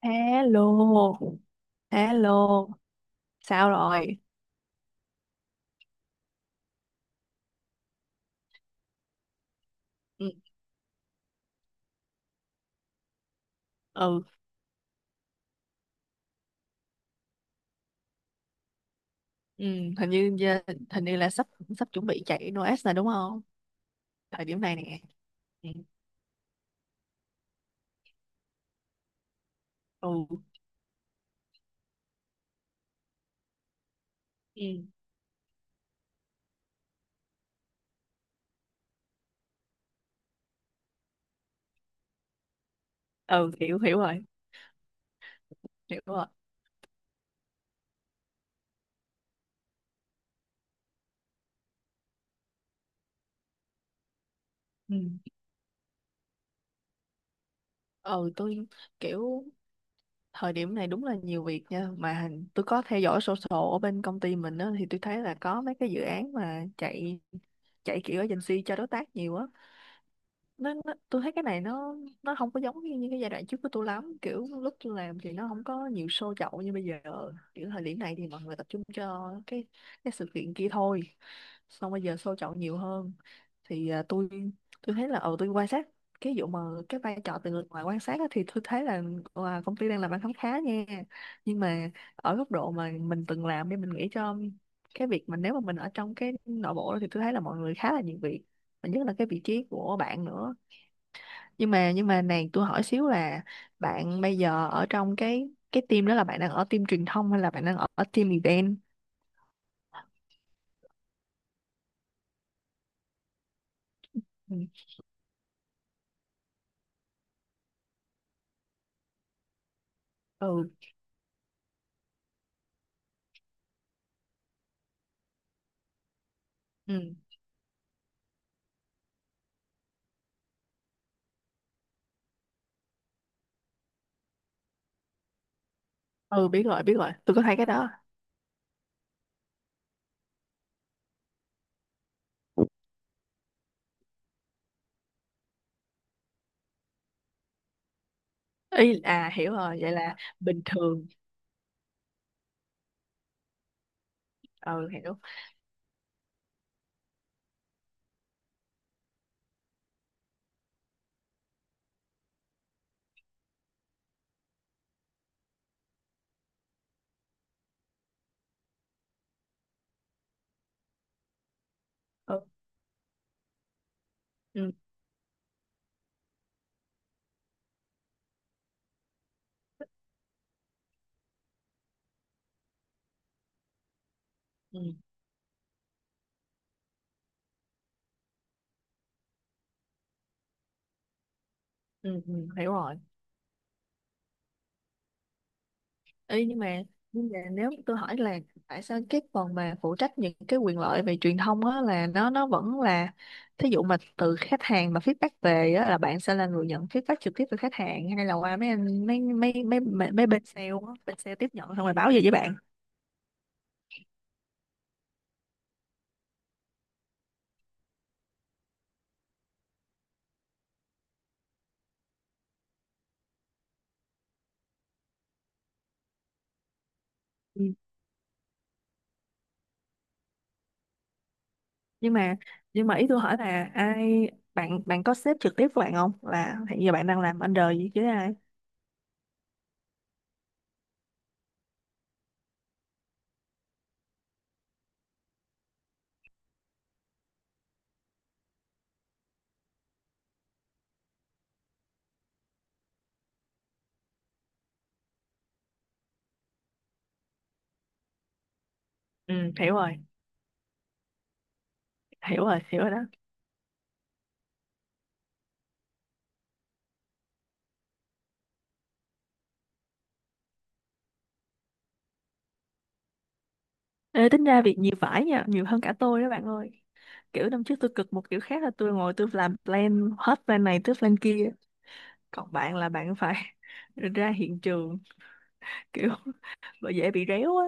Hello, hello, sao rồi? Ừ, ừ, ừ, hình như giờ- hình như là sắp sắp chuẩn bị chạy Noes rồi đúng không? Thời điểm này nè. Ừ, ừ, ừ, ừ, hiểu hiểu rồi, hiểu rồi. Ừ, ừ tôi kiểu thời điểm này đúng là nhiều việc nha. Mà tôi có theo dõi sổ sổ ở bên công ty mình đó thì tôi thấy là có mấy cái dự án mà chạy chạy kiểu agency cho đối tác nhiều á. Nó tôi thấy cái này nó không có giống như cái giai đoạn trước của tôi lắm, kiểu lúc tôi làm thì nó không có nhiều show chậu như bây giờ. Kiểu thời điểm này thì mọi người tập trung cho cái sự kiện kia thôi, xong bây giờ show chậu nhiều hơn. Thì à, tôi thấy là ờ tôi quan sát cái vụ mà cái vai trò từ người ngoài quan sát á, thì tôi thấy là à, công ty đang làm ăn khá khá nha. Nhưng mà ở góc độ mà mình từng làm thì mình nghĩ cho cái việc mà nếu mà mình ở trong cái nội bộ đó thì tôi thấy là mọi người khá là nhiều việc, và nhất là cái vị trí của bạn nữa. Nhưng mà này tôi hỏi xíu là bạn bây giờ ở trong cái team đó là bạn đang ở team truyền thông hay là bạn đang ở team event? Ừ, ừ, ừ. Ừ, biết rồi, biết rồi, tôi có thấy cái đó. Ý à, hiểu rồi, vậy là bình thường. Ừ, hiểu. Ừ, ừ, ừ, ừ, ừ, hiểu rồi. Ê, nhưng mà nếu tôi hỏi là tại sao cái phần mà phụ trách những cái quyền lợi về truyền thông á là nó vẫn là thí dụ mà từ khách hàng mà feedback về á là bạn sẽ là người nhận feedback trực tiếp từ khách hàng hay là qua mấy anh mấy mấy mấy mấy, mấy bên sale á, bên sale tiếp nhận xong rồi báo về với bạn. Ừ. Nhưng mà ý tôi hỏi là ai, bạn bạn có sếp trực tiếp của bạn không, là hiện giờ bạn đang làm under gì chứ ai? Ừ, hiểu rồi, hiểu rồi, hiểu rồi đó. Ê, tính ra việc nhiều vải nha, nhiều hơn cả tôi đó bạn ơi. Kiểu năm trước tôi cực một kiểu khác là tôi ngồi tôi làm plan hết plan này tới plan kia. Còn bạn là bạn phải ra hiện trường, kiểu bởi dễ bị réo á.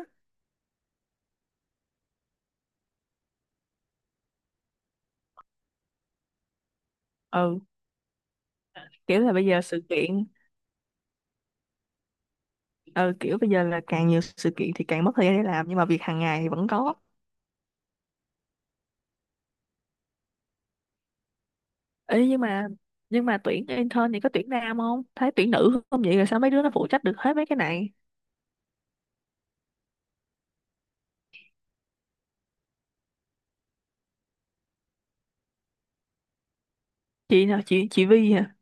Ừ, kiểu là bây giờ sự kiện, ừ, kiểu bây giờ là càng nhiều sự kiện thì càng mất thời gian để làm nhưng mà việc hàng ngày thì vẫn có. Ê, nhưng mà tuyển intern thì có tuyển nam không? Thấy tuyển nữ không vậy rồi sao mấy đứa nó phụ trách được hết mấy cái này? Chị nào, chị Vi hả?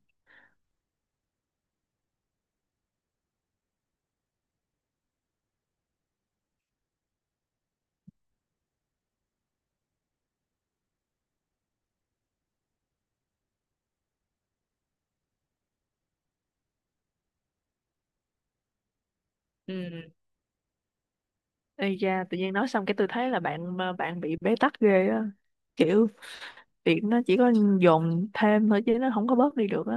Ừ. Ây da, tự nhiên nói xong cái tôi thấy là bạn ờ, bạn bị bế tắc ghê á. Kiểu việc nó chỉ có dồn thêm thôi chứ nó không có bớt đi được á.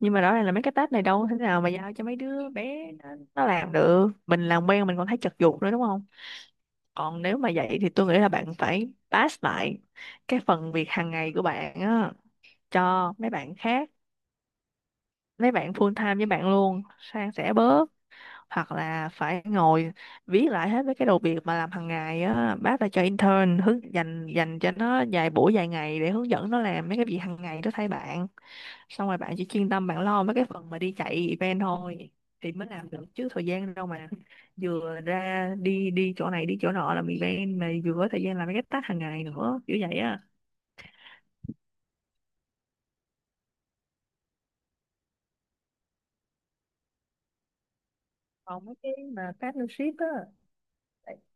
Nhưng mà rõ ràng là mấy cái task này đâu thế nào mà giao cho mấy đứa bé nó làm được. Mình làm quen mình còn thấy chật vật nữa đúng không? Còn nếu mà vậy thì tôi nghĩ là bạn phải pass lại cái phần việc hàng ngày của bạn á cho mấy bạn khác, mấy bạn full time với bạn luôn, san sẻ bớt. Hoặc là phải ngồi viết lại hết mấy cái đầu việc mà làm hàng ngày á, bác đã cho intern hướng dành dành cho nó vài buổi vài ngày để hướng dẫn nó làm mấy cái việc hàng ngày đó thay bạn, xong rồi bạn chỉ chuyên tâm bạn lo mấy cái phần mà đi chạy event thôi thì mới làm được. Chứ thời gian đâu mà vừa ra đi đi chỗ này đi chỗ nọ làm event mà vừa có thời gian làm mấy cái task hàng ngày nữa, kiểu vậy á. Còn mấy cái mà partnership á,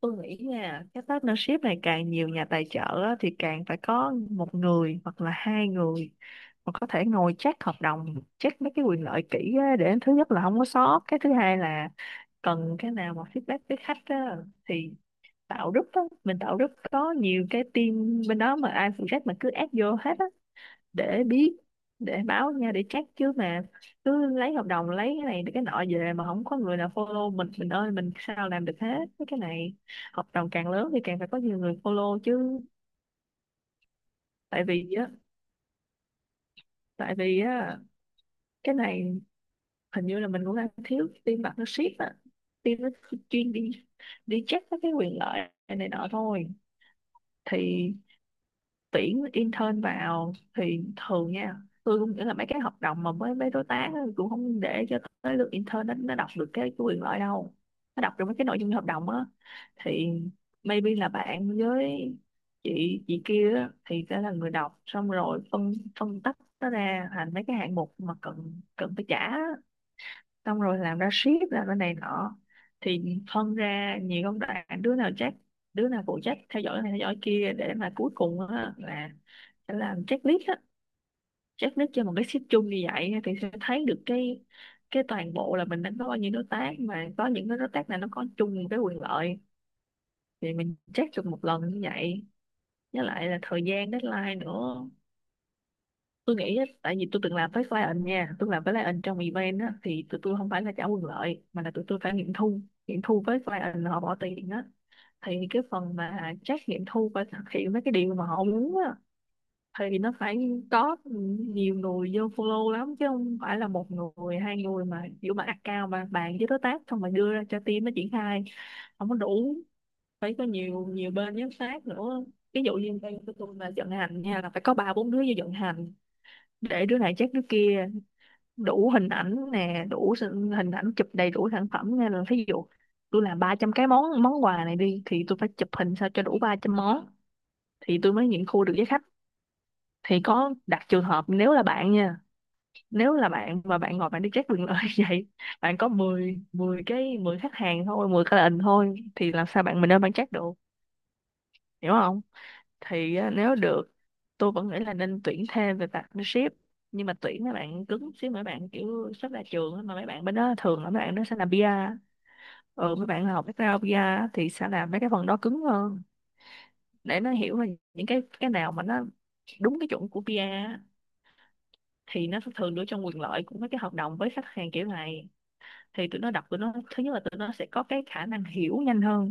tôi nghĩ nha, cái partnership này càng nhiều nhà tài trợ á, thì càng phải có một người hoặc là hai người mà có thể ngồi check hợp đồng, check mấy cái quyền lợi kỹ á, để thứ nhất là không có sót, cái thứ hai là cần cái nào mà feedback với khách á, thì tạo group á. Mình tạo group có nhiều cái team bên đó mà ai phụ trách mà cứ add vô hết á, để biết, để báo nha, để check. Chứ mà cứ lấy hợp đồng lấy cái này cái nọ về mà không có người nào follow, mình ơi mình sao làm được hết mấy cái này. Hợp đồng càng lớn thì càng phải có nhiều người follow chứ. Tại vì á tại vì á cái này hình như là mình cũng đang thiếu team partnership á, team nó chuyên đi đi check các cái quyền lợi này nọ thôi. Thì tuyển intern vào thì thường nha, tôi cũng nghĩ là mấy cái hợp đồng mà với mấy đối tác á, cũng không để cho tới lượt intern nó đọc được cái quyền lợi đâu, nó đọc được mấy cái nội dung hợp đồng á. Thì maybe là bạn với chị kia á, thì sẽ là người đọc xong rồi phân phân tách nó ra thành mấy cái hạng mục mà cần cần phải trả, xong rồi làm ra ship, làm ra này nọ. Thì phân ra nhiều công đoạn, đứa nào chắc đứa nào phụ trách theo dõi này theo dõi kia để mà cuối cùng á, là sẽ làm checklist á, checklist cho một cái ship chung như vậy á, thì sẽ thấy được cái toàn bộ là mình đã có bao nhiêu đối tác mà có những cái đối tác này nó có chung một cái quyền lợi thì mình check được một lần như vậy. Với lại là thời gian deadline nữa, tôi nghĩ á, tại vì tôi từng làm với client nha, tôi làm với client trong event á, thì tụi tôi không phải là trả quyền lợi mà là tụi tôi phải nghiệm thu. Nghiệm thu với client họ bỏ tiền á, thì cái phần mà check nghiệm thu và thực hiện mấy cái điều mà họ muốn á thì nó phải có nhiều người vô follow lắm, chứ không phải là một người hai người mà kiểu mà account mà bàn với đối tác xong rồi đưa ra cho team nó triển khai. Không có đủ, phải có nhiều nhiều bên giám sát nữa. Ví dụ như bên của tôi mà vận hành nha là phải có ba bốn đứa vô vận hành để đứa này check đứa kia, đủ hình ảnh nè, đủ hình ảnh chụp đầy đủ sản phẩm. Nên là ví dụ tôi làm 300 cái món món quà này đi thì tôi phải chụp hình sao cho đủ 300 món thì tôi mới nghiệm thu được với khách. Thì có đặt trường hợp nếu là bạn nha, nếu là bạn và bạn ngồi bạn đi check quyền lợi vậy, bạn có 10 10 cái 10 khách hàng thôi, 10 client thôi thì làm sao bạn, mình nên bạn check được? Hiểu không? Thì á, nếu được tôi vẫn nghĩ là nên tuyển thêm về partnership, nhưng mà tuyển mấy bạn cứng xíu, mấy bạn kiểu sắp ra trường á, mà mấy bạn bên đó thường là mấy bạn đó sẽ làm PR. Ừ, mấy bạn học background PR á, thì sẽ làm mấy cái phần đó cứng hơn để nó hiểu là những cái nào mà nó đúng cái chuẩn của PR á, thì nó sẽ thường đưa trong quyền lợi của mấy cái hợp đồng với khách hàng kiểu này. Thì tụi nó đọc, tụi nó thứ nhất là tụi nó sẽ có cái khả năng hiểu nhanh hơn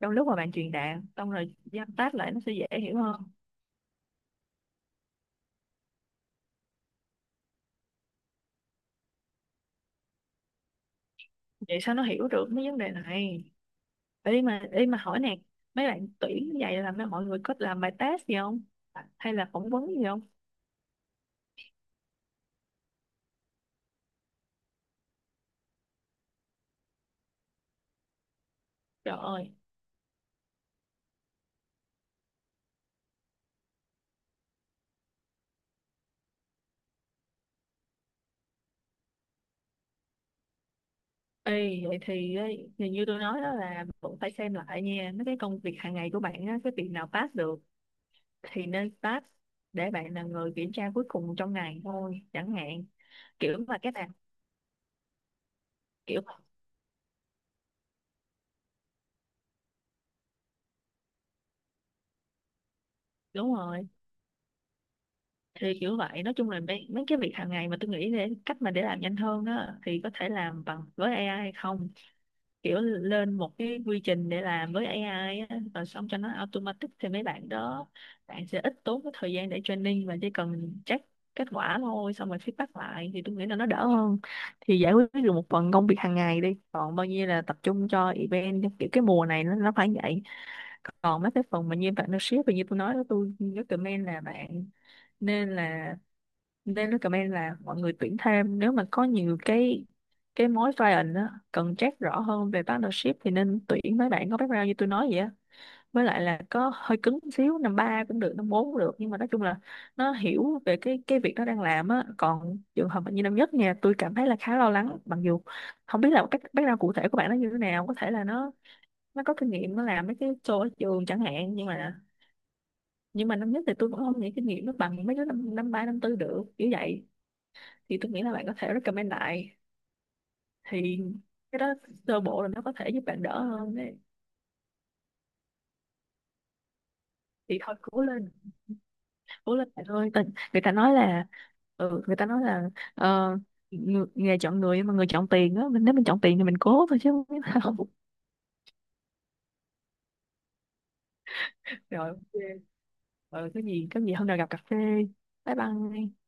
trong lúc mà bạn truyền đạt xong rồi giam tác lại nó sẽ dễ hiểu hơn. Vậy sao nó hiểu được mấy vấn đề này? Ý mà hỏi nè, mấy bạn tuyển như vậy là mọi người có làm bài test gì không hay là phỏng vấn gì không? Trời ơi. Ê, vậy thì ấy, thì như tôi nói đó là cũng phải xem lại nha mấy cái công việc hàng ngày của bạn á, cái việc nào pass được thì nên pass để bạn là người kiểm tra cuối cùng trong ngày thôi chẳng hạn. Kiểu mà cái nào kiểu đúng rồi thì kiểu vậy. Nói chung là mấy, mấy cái việc hàng ngày mà tôi nghĩ để cách mà để làm nhanh hơn đó thì có thể làm bằng với AI hay không, kiểu lên một cái quy trình để làm với AI á rồi xong cho nó automatic thì mấy bạn đó bạn sẽ ít tốn cái thời gian để training và chỉ cần check kết quả thôi xong rồi feedback lại thì tôi nghĩ là nó đỡ hơn. Thì giải quyết được một phần công việc hàng ngày đi, còn bao nhiêu là tập trung cho event, kiểu cái mùa này nó phải vậy. Còn mấy cái phần mà như bạn nó ship và như tôi nói đó, tôi recommend là bạn nên là nên recommend là mọi người tuyển thêm, nếu mà có nhiều cái mối client á, cần check rõ hơn về partnership thì nên tuyển mấy bạn có background như tôi nói vậy á, với lại là có hơi cứng một xíu, năm ba cũng được năm bốn cũng được, nhưng mà nói chung là nó hiểu về cái việc nó đang làm á. Còn trường hợp như năm nhất nha, tôi cảm thấy là khá lo lắng, mặc dù không biết là cái background cụ thể của bạn nó như thế nào, có thể là nó có kinh nghiệm, nó làm mấy cái show ở trường chẳng hạn, nhưng mà năm nhất thì tôi cũng không nghĩ kinh nghiệm nó bằng mấy đứa năm năm ba năm tư được kiểu vậy. Thì tôi nghĩ là bạn có thể recommend lại. Thì cái đó sơ bộ là nó có thể giúp bạn đỡ hơn đấy. Thì thôi cố lên, cố lên bạn ơi. Người ta nói là ừ, người ta nói là ờ, nghề chọn người mà người chọn tiền á, mình nếu mình chọn tiền thì mình cố thôi chứ không biết sao. Rồi ok. Ờ, cái gì có gì hôm nào gặp cà phê. Bye bye.